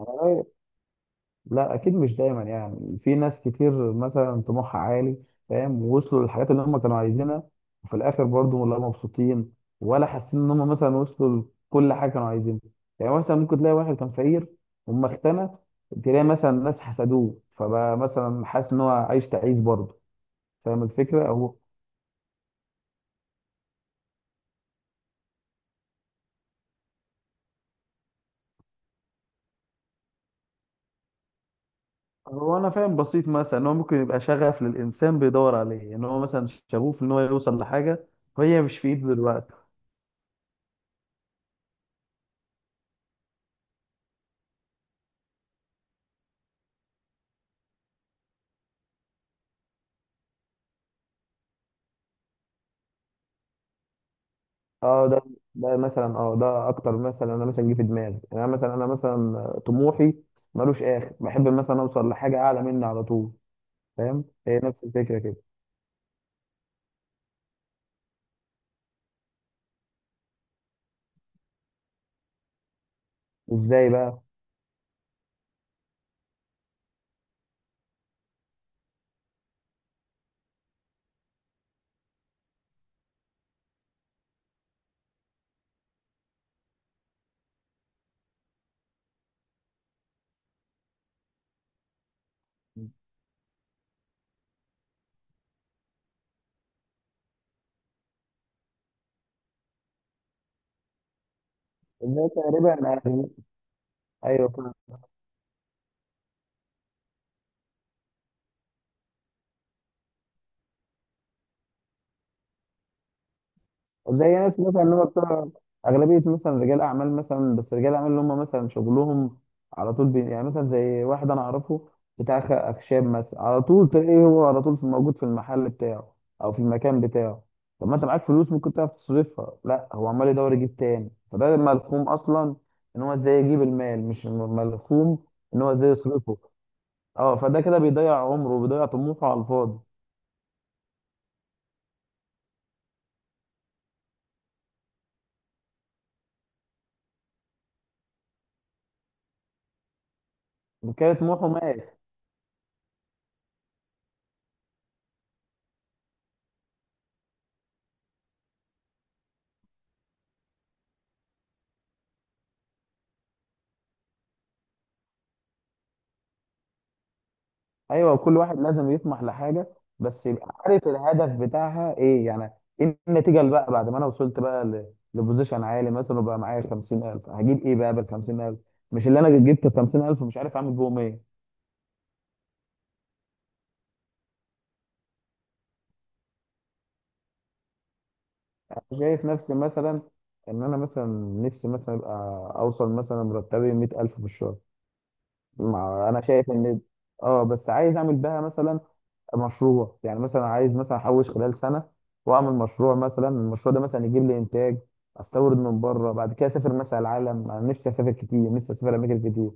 أنا- لا، اكيد مش دايما. يعني في ناس كتير مثلا طموحها عالي. فاهم، ووصلوا للحاجات اللي هم كانوا عايزينها، وفي الاخر برضه لا مبسوطين ولا حاسين ان هم مثلا وصلوا لكل حاجه كانوا عايزينها. يعني مثلا ممكن تلاقي واحد كان فقير وما اغتنى. تلاقي مثلا ناس حسدوه، فبقى مثلا حاسس ان هو عايش تعيس برضه. فاهم الفكره او... هو انا فاهم بسيط، مثلا ان هو ممكن يبقى شغف للانسان، بيدور عليه ان هو مثلا شغوف ان هو يوصل لحاجه وهي مش في ايده دلوقتي. اه، ده مثلا، اه ده اكتر، مثلا انا مثلا جه في دماغي. يعني انا مثلا طموحي ملوش اخر، بحب مثلا اوصل لحاجه اعلى مني على طول. فاهم، هي نفس الفكره كده. ازاي بقى؟ ازاي تقريبا؟ أنا- ايوه، زي ناس مثلا اللي هم بتوع اغلبيه مثلا رجال اعمال، مثلا بس رجال اعمال اللي هم مثلا شغلهم على طول يعني مثلا زي واحد انا اعرفه بتاع اخشاب مثلا، على طول تلاقيه هو على طول في، موجود في المحل بتاعه او في المكان بتاعه. طب ما انت معاك فلوس ممكن تعرف تصرفها، لا هو عمال يدور يجيب تاني. فده ملخوم اصلا ان هو ازاي يجيب المال، مش ملخوم ان هو ازاي يصرفه. اه، فده كده بيضيع عمره وبيضيع طموحه على الفاضي. كان طموحه مات. ايوه، كل واحد لازم يطمح لحاجه، بس يبقى عارف الهدف بتاعها ايه. يعني ايه النتيجه، اللي بقى بعد ما انا وصلت بقى لبوزيشن عالي مثلا، وبقى معايا 50,000، هجيب ايه بقى بال 50,000؟ مش اللي انا جبت 50,000 ومش عارف اعمل بيهم ايه. أنا شايف نفسي مثلا، ان انا مثلا نفسي مثلا ابقى اوصل مثلا مرتبي 100,000 في الشهر. مع انا شايف ان اه، بس عايز اعمل بها مثلا مشروع. يعني مثلا عايز مثلا احوش خلال سنه واعمل مشروع، مثلا المشروع ده مثلا يجيب لي انتاج، استورد من بره. بعد كده اسافر مثلا العالم، انا نفسي اسافر كتير، نفسي اسافر اماكن كتير.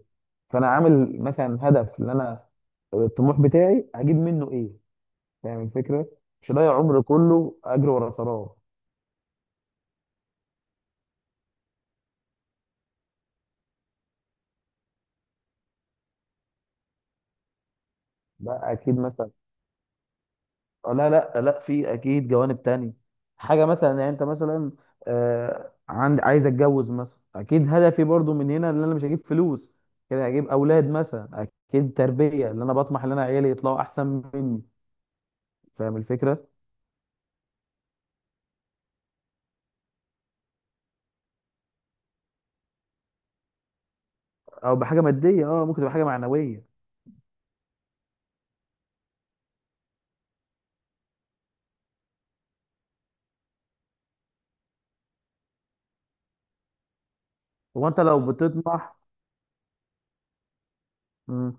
فانا عامل مثلا هدف، اللي انا الطموح بتاعي هجيب منه ايه. فاهم الفكره. مش هضيع عمري كله اجري ورا سراب. لا، اكيد مثلا. لا، لا، لا، في اكيد جوانب تانية. حاجه مثلا، يعني انت مثلا عند، عايز اتجوز مثلا، اكيد هدفي برضو من هنا، ان انا مش هجيب فلوس كده، هجيب اولاد مثلا، اكيد تربيه اللي انا بطمح ان انا عيالي يطلعوا احسن مني. فاهم الفكره. او بحاجه ماديه، اه ممكن تبقى حاجه معنويه. هو انت لو بتطمح. مم.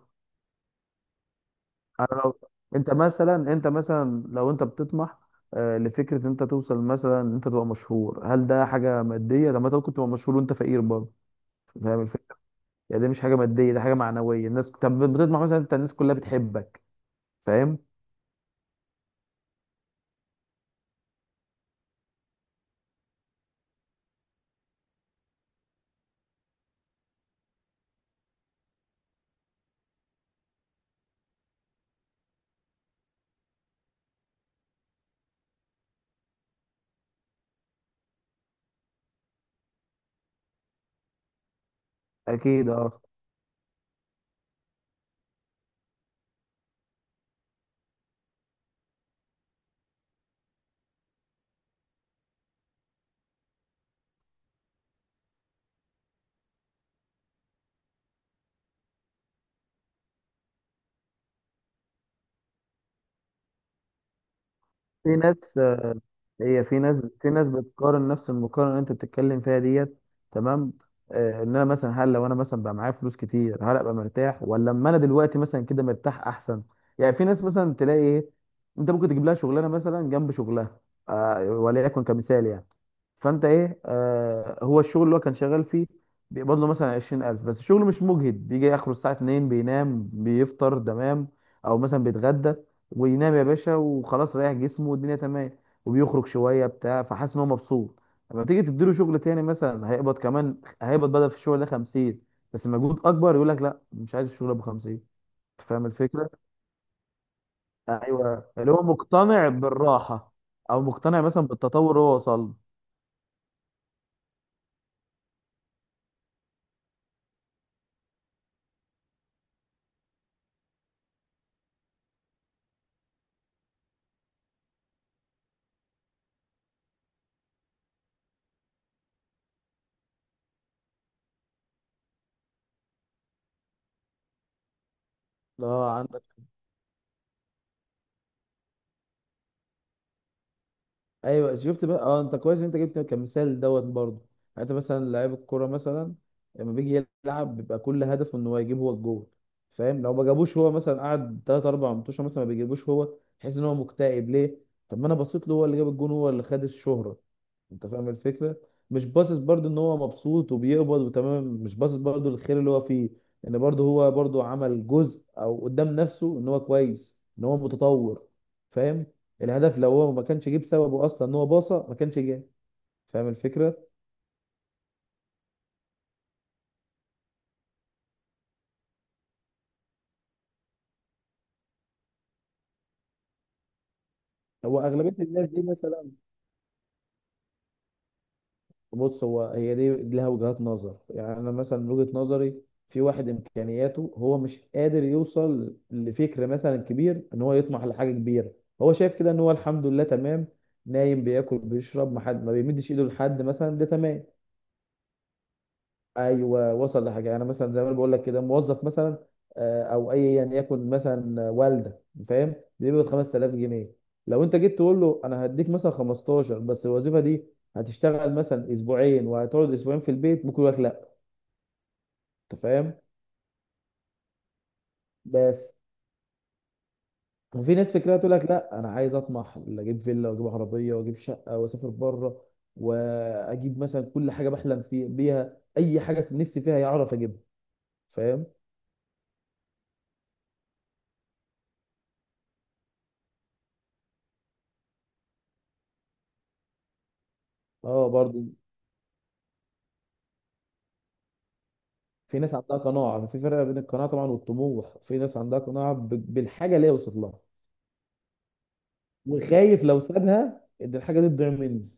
انا لو، انت مثلا لو انت بتطمح لفكره ان انت توصل مثلا ان انت تبقى مشهور، هل ده حاجه ماديه؟ طب ما انت ممكن تبقى مشهور وانت فقير برضه. فاهم. يعني دي مش حاجه ماديه، دي حاجه معنويه. الناس، طب بتطمح مثلا، انت الناس كلها بتحبك. فاهم. اكيد اه. في ناس، هي في ناس بتقارن نفس المقارنه اللي انت بتتكلم فيها ديت. تمام. ان انا مثلا، هل لو انا مثلا بقى معايا فلوس كتير هل ابقى مرتاح، ولا اما انا دلوقتي مثلا كده مرتاح احسن؟ يعني في ناس مثلا، تلاقي ايه، انت ممكن تجيب لها شغلانه مثلا جنب شغلها، وليكن كمثال يعني. فانت ايه، هو الشغل اللي هو كان شغال فيه، بيقبض له مثلا 20,000، بس الشغل مش مجهد، بيجي اخره الساعه 2 بينام، بيفطر تمام او مثلا بيتغدى، وينام يا باشا وخلاص، ريح جسمه والدنيا تمام، وبيخرج شويه بتاع، فحاسس ان هو مبسوط. لما تيجي تديله شغل تاني مثلا، هيقبض كمان، هيقبض بدل في الشغل ده 50، بس مجهود اكبر، يقول لك لا، مش عايز الشغل ابو 50. أنت فاهم الفكره. ايوه، اللي هو مقتنع بالراحه، او مقتنع مثلا بالتطور اللي هو وصل له. اه. ايوه، شفت بقى، اه انت كويس إن انت جبت كمثال دوت برضه. يعني انت مثلا لعيب الكوره مثلا، لما بيجي يلعب بيبقى كل هدفه ان هو يجيب هو الجول. فاهم، لو ما جابوش هو، مثلا قعد تلات اربع ماتشات مثلا ما بيجيبوش هو، تحس ان هو مكتئب. ليه؟ طب ما انا بصيت له، هو اللي جاب الجون، هو اللي خد الشهره. انت فاهم الفكره. مش باصص برضه ان هو مبسوط وبيقبض وتمام، مش باصص برضه للخير اللي هو فيه، ان برضه هو برضه عمل جزء او قدام نفسه ان هو كويس، ان هو متطور. فاهم. الهدف، لو هو ما كانش جيب سببه اصلا ان هو باصه ما كانش جاب. فاهم الفكره. هو اغلبيه الناس دي مثلا، بص هو هي دي لها وجهات نظر. يعني انا مثلا من وجهه نظري، في واحد امكانياته هو مش قادر يوصل لفكر مثلا كبير، ان هو يطمح لحاجه كبيره. هو شايف كده ان هو الحمد لله تمام، نايم بياكل بيشرب، ما حد ما بيمدش ايده لحد مثلا، ده تمام. ايوه، وصل لحاجه. يعني انا مثلا زي ما أنا بقول لك كده، موظف مثلا، او ايا يكن مثلا والده، فاهم، بيقبض 5,000 جنيه. لو انت جيت تقول له انا هديك مثلا 15، بس الوظيفه دي هتشتغل مثلا اسبوعين وهتقعد اسبوعين في البيت، ممكن يقول لك لا. انت فاهم. بس وفي ناس فكرها تقول لك لا، انا عايز اطمح، اجيب فيلا واجيب عربيه واجيب شقه واسافر بره، واجيب مثلا كل حاجه بحلم فيها بيها، اي حاجه في نفسي فيها يعرف اجيبها. فاهم. اه برضه، في ناس عندها قناعة. يعني في فرق بين القناعة طبعا والطموح. في ناس عندها قناعة بالحاجة اللي هي وصلت لها، وخايف لو سابها ان الحاجة دي تضيع مني.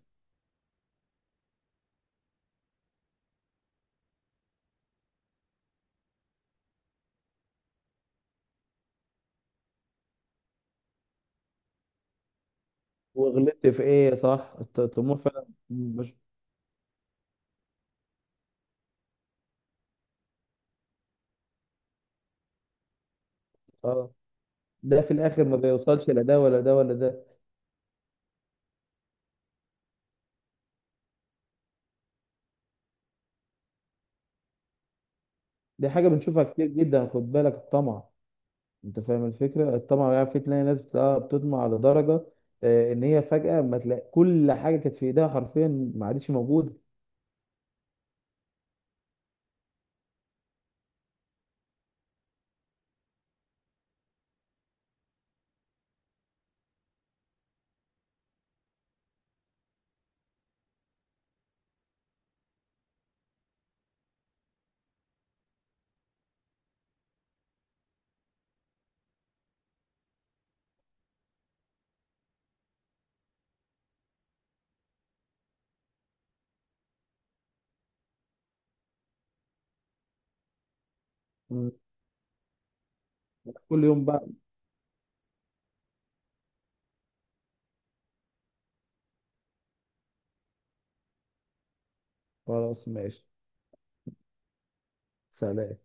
وغلطت في ايه؟ صح، الطموح فعلا مش... اه، ده في الاخر ما بيوصلش لا ده ولا ده ولا ده. دي حاجة بنشوفها كتير جدا، خد بالك الطمع. انت فاهم الفكرة. الطمع يعني في، تلاقي ناس بتطمع لدرجة، ان هي فجأة ما تلاقي كل حاجة كانت في ايديها حرفيا، ما عادش موجودة. مم. كل يوم بقى. خلاص ماشي. سلام.